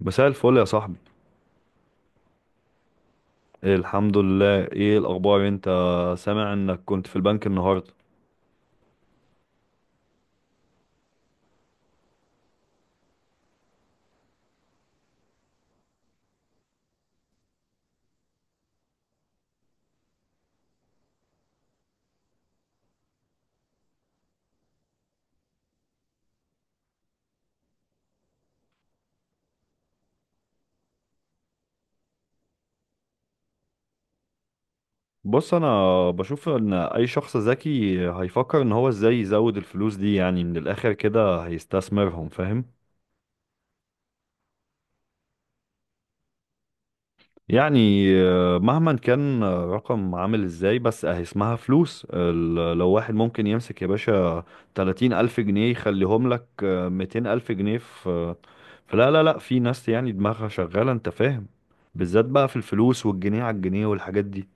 مساء الفل يا صاحبي. إيه، الحمد لله. ايه الاخبار انت؟ سامع انك كنت في البنك النهارده. بص، انا بشوف ان اي شخص ذكي هيفكر ان هو ازاي يزود الفلوس دي، يعني من الاخر كده هيستثمرهم، فاهم؟ يعني مهما كان رقم عامل ازاي، بس اهي اسمها فلوس. لو واحد ممكن يمسك يا باشا 30 الف جنيه يخليهم لك 200 الف جنيه في فلا لا لا، في ناس يعني دماغها شغالة، انت فاهم، بالذات بقى في الفلوس والجنيه على الجنيه والحاجات دي.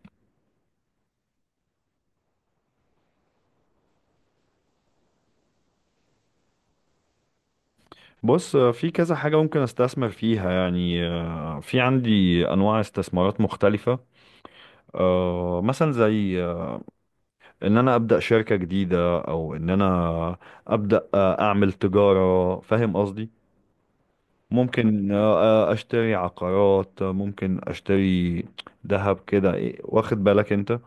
بص في كذا حاجة ممكن استثمر فيها، يعني في عندي انواع استثمارات مختلفة. مثلا زي ان انا ابدا شركة جديدة، او ان انا ابدا اعمل تجارة، فاهم قصدي. ممكن اشتري عقارات، ممكن اشتري ذهب كده، واخد بالك انت.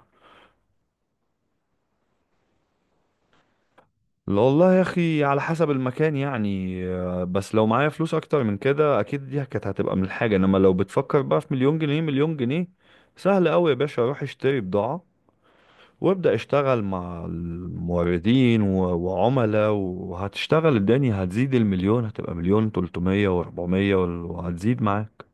لا والله يا اخي، على حسب المكان، يعني بس لو معايا فلوس اكتر من كده اكيد دي كانت هتبقى من الحاجة، انما لو بتفكر بقى في مليون جنيه، مليون جنيه سهل قوي يا باشا. اروح اشتري بضاعة وابدأ اشتغل مع الموردين وعملاء، وهتشتغل الدنيا، هتزيد المليون هتبقى مليون تلتمية واربعمية وهتزيد معاك.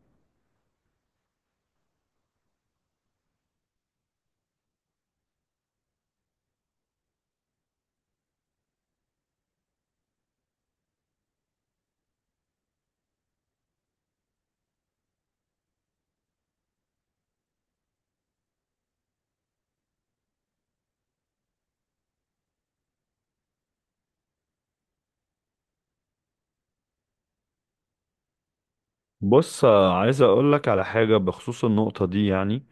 بص عايز اقولك على حاجة بخصوص النقطة دي، يعني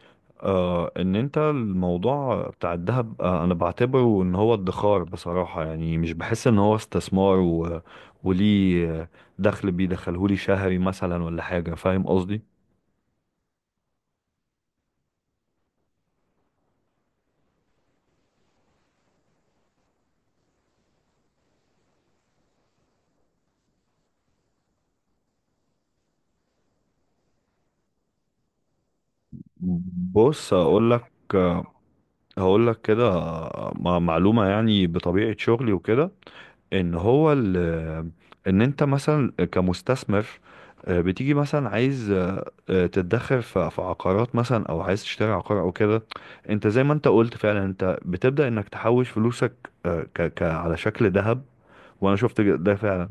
آه ان انت الموضوع بتاع الذهب، آه انا بعتبره ان هو ادخار بصراحة، يعني مش بحس ان هو استثمار وليه دخل بيدخلهولي شهري مثلا ولا حاجة، فاهم قصدي. بص اقولك، هقول لك كده معلومة، يعني بطبيعة شغلي وكده، ان هو ال ان انت مثلا كمستثمر، بتيجي مثلا عايز تتدخل في عقارات مثلا، او عايز تشتري عقار او كده. انت زي ما انت قلت فعلا، انت بتبدأ انك تحوش فلوسك ك على شكل ذهب، وانا شفت ده فعلا.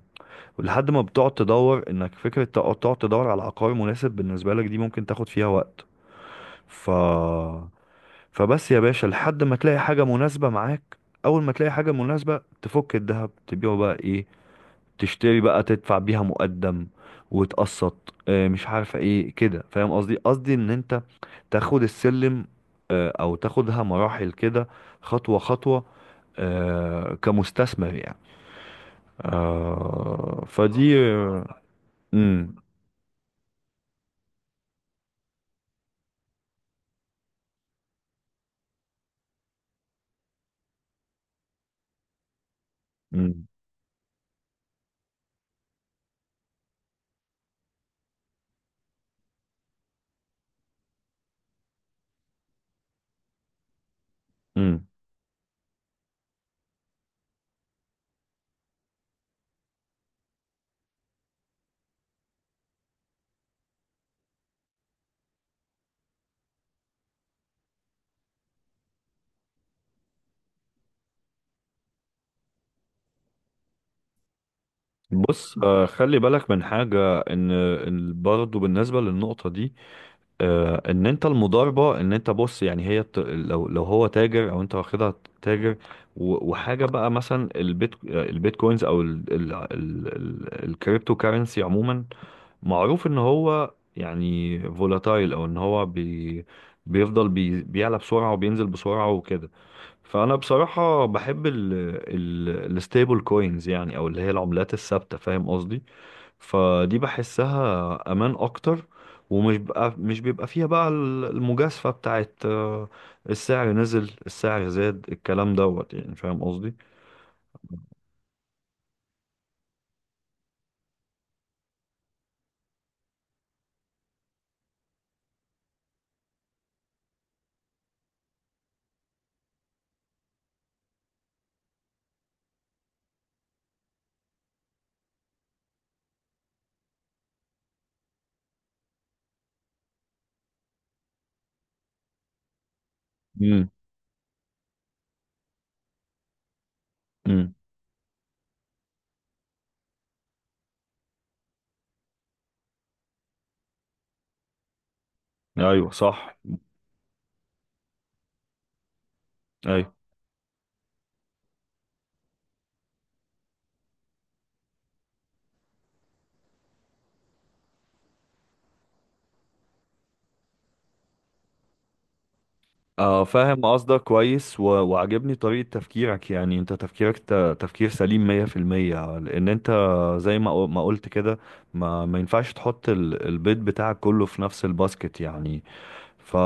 ولحد ما بتقعد تدور انك فكرة تقعد تدور على عقار مناسب بالنسبة لك، دي ممكن تاخد فيها وقت. ف فبس يا باشا لحد ما تلاقي حاجة مناسبة معاك، أول ما تلاقي حاجة مناسبة تفك الذهب تبيعه بقى، إيه، تشتري بقى، تدفع بيها مقدم وتقسط، مش عارفة إيه كده، فاهم قصدي. قصدي إن أنت تاخد السلم، أو تاخدها مراحل كده، خطوة خطوة، كمستثمر يعني، فدي مم. مم. مم. بص خلي بالك من حاجة، إن برضه بالنسبة للنقطة دي، ان انت المضاربه، ان انت بص يعني هي لو هو تاجر او انت واخدها تاجر، وحاجه بقى مثلا البيت البيتكوينز او الكريبتو كارنسي عموما، معروف ان هو يعني فولاتايل او ان هو بيفضل بيعلى بسرعه وبينزل بسرعه وكده. فانا بصراحه بحب الستيبل كوينز، يعني او اللي هي العملات الثابته، فاهم قصدي. فدي بحسها امان اكتر، ومش بقى مش بيبقى فيها بقى المجازفة بتاعت السعر نزل السعر زاد الكلام دوت، يعني فاهم قصدي. امم. امم. ايوه صح. ايوه. آه فاهم قصدك كويس، وعجبني طريقة تفكيرك، يعني انت تفكيرك تفكير سليم 100%، لان انت زي ما ما قلت كده، ما ينفعش تحط البيض بتاعك كله في نفس الباسكت، يعني ف...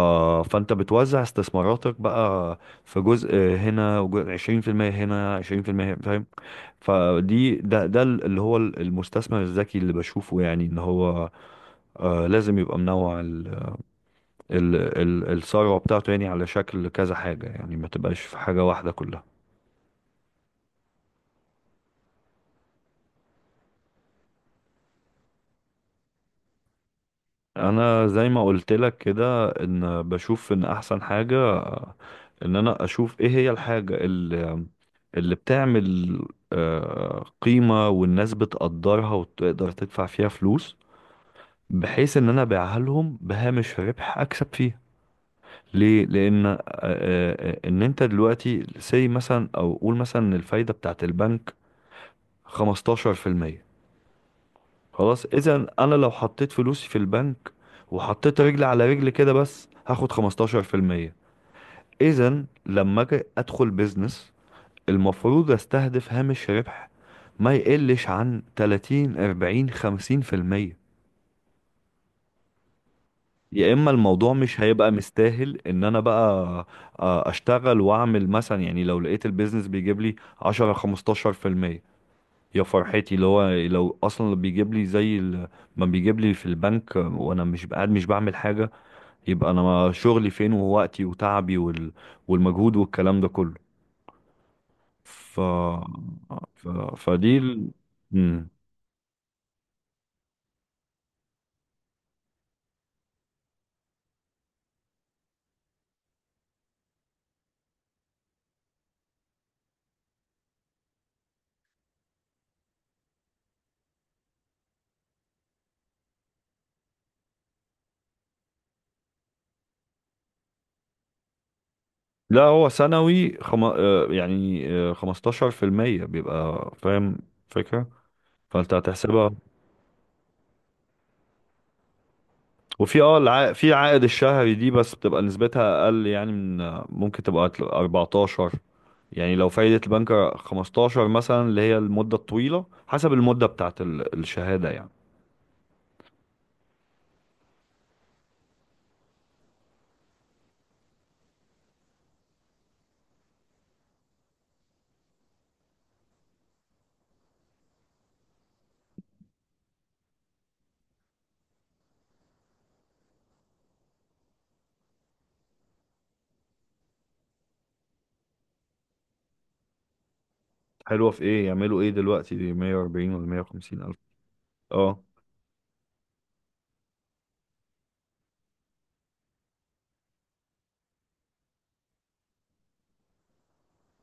فانت بتوزع استثماراتك بقى، في جزء هنا، وجزء 20% هنا، 20% هنا، 20%، فاهم. فدي ده اللي هو المستثمر الذكي اللي بشوفه، يعني ان هو آه لازم يبقى منوع ال... الثروة بتاعته، يعني على شكل كذا حاجة، يعني ما تبقاش في حاجة واحدة كلها. انا زي ما قلت لك كده ان بشوف ان احسن حاجة ان انا اشوف ايه هي الحاجة اللي بتعمل قيمة، والناس بتقدرها وتقدر تدفع فيها فلوس، بحيث ان انا ابيعها لهم بهامش ربح اكسب فيها. ليه؟ لان ان انت دلوقتي سي مثلا، او قول مثلا ان الفايدة بتاعت البنك 15%. خلاص، اذا انا لو حطيت فلوسي في البنك وحطيت رجل على رجل كده بس هاخد 15%. اذا لما اجي ادخل بيزنس المفروض استهدف هامش ربح ما يقلش عن 30 40 50%، يا اما الموضوع مش هيبقى مستاهل ان انا بقى اشتغل واعمل. مثلا يعني لو لقيت البيزنس بيجيب لي 10 15%، يا فرحتي! اللي هو لو اصلا بيجيب لي زي ما بيجيب لي في البنك وانا مش قاعد مش بعمل حاجه، يبقى انا شغلي فين، ووقتي، وتعبي، والمجهود والكلام ده كله. ف, ف... فدي مم. لا، هو سنوي يعني 15% بيبقى، فاهم فكره. فانت هتحسبها. في عائد الشهري دي بس بتبقى نسبتها اقل يعني من، ممكن تبقى 14. يعني لو فايدة البنك 15 مثلا، اللي هي المدة الطويلة حسب المدة بتاعت الشهادة يعني. حلوة في ايه يعملوا ايه دلوقتي دي 140 ولا 150 الف؟ اه.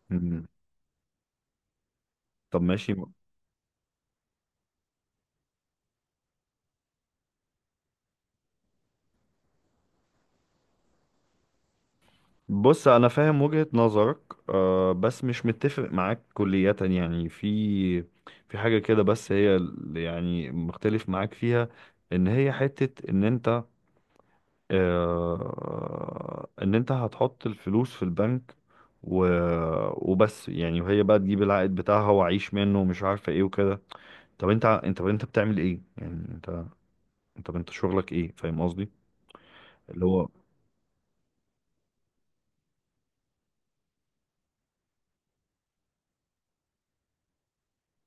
مم. طب ماشي. بص انا فاهم وجهة نظرك، آه بس مش متفق معاك كلية، يعني في حاجة كده بس هي اللي يعني مختلف معاك فيها، ان هي حتة ان انت ان انت هتحط الفلوس في البنك و... وبس، يعني وهي بقى تجيب العائد بتاعها واعيش منه ومش عارفه ايه وكده. طب انت بتعمل ايه؟ يعني انت انت شغلك ايه؟ فاهم قصدي. اللي هو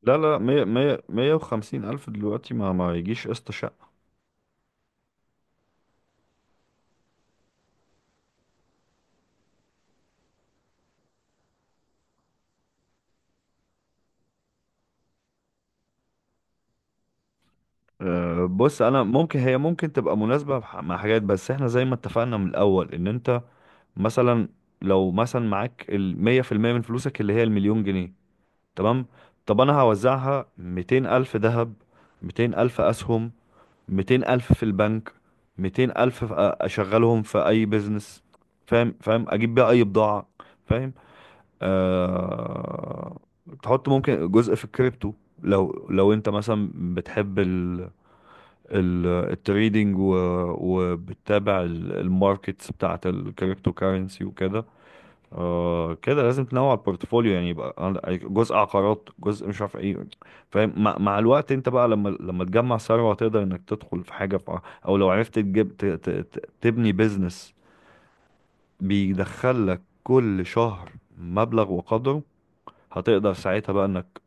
لا لا، مية مية، 150 الف دلوقتي ما ما يجيش قسط شقه. بص انا ممكن هي ممكن تبقى مناسبه مع حاجات، بس احنا زي ما اتفقنا من الاول ان انت مثلا لو مثلا معاك 100% من فلوسك اللي هي المليون جنيه، تمام. طب انا هوزعها: 200 الف ذهب، 200 الف اسهم، 200 الف في البنك، 200 الف اشغلهم في اي بيزنس، فاهم. فاهم، اجيب بيها اي بضاعة، فاهم. آه... تحط ممكن جزء في الكريبتو، لو انت مثلا بتحب ال... التريدينج وبتتابع الماركتس بتاعت الكريبتو كارنسي وكده. آه كده لازم تنوع البورتفوليو، يعني يبقى يعني جزء عقارات، جزء مش عارف ايه، فاهم. مع الوقت انت بقى، لما تجمع ثروة، تقدر انك تدخل في حاجة في او لو عرفت تجيب تبني بيزنس بيدخل لك كل شهر مبلغ وقدره. هتقدر ساعتها بقى انك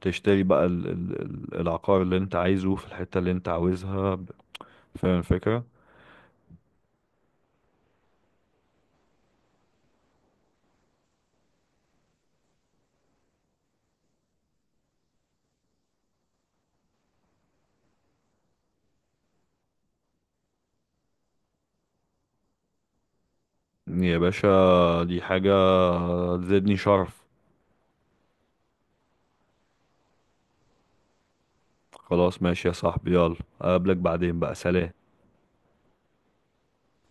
تشتري بقى العقار اللي انت عايزه في الحتة اللي انت عاوزها، فاهم الفكرة. يا باشا دي حاجة تزيدني شرف. خلاص ماشي يا صاحبي، يلا اقابلك بعدين بقى، سلام.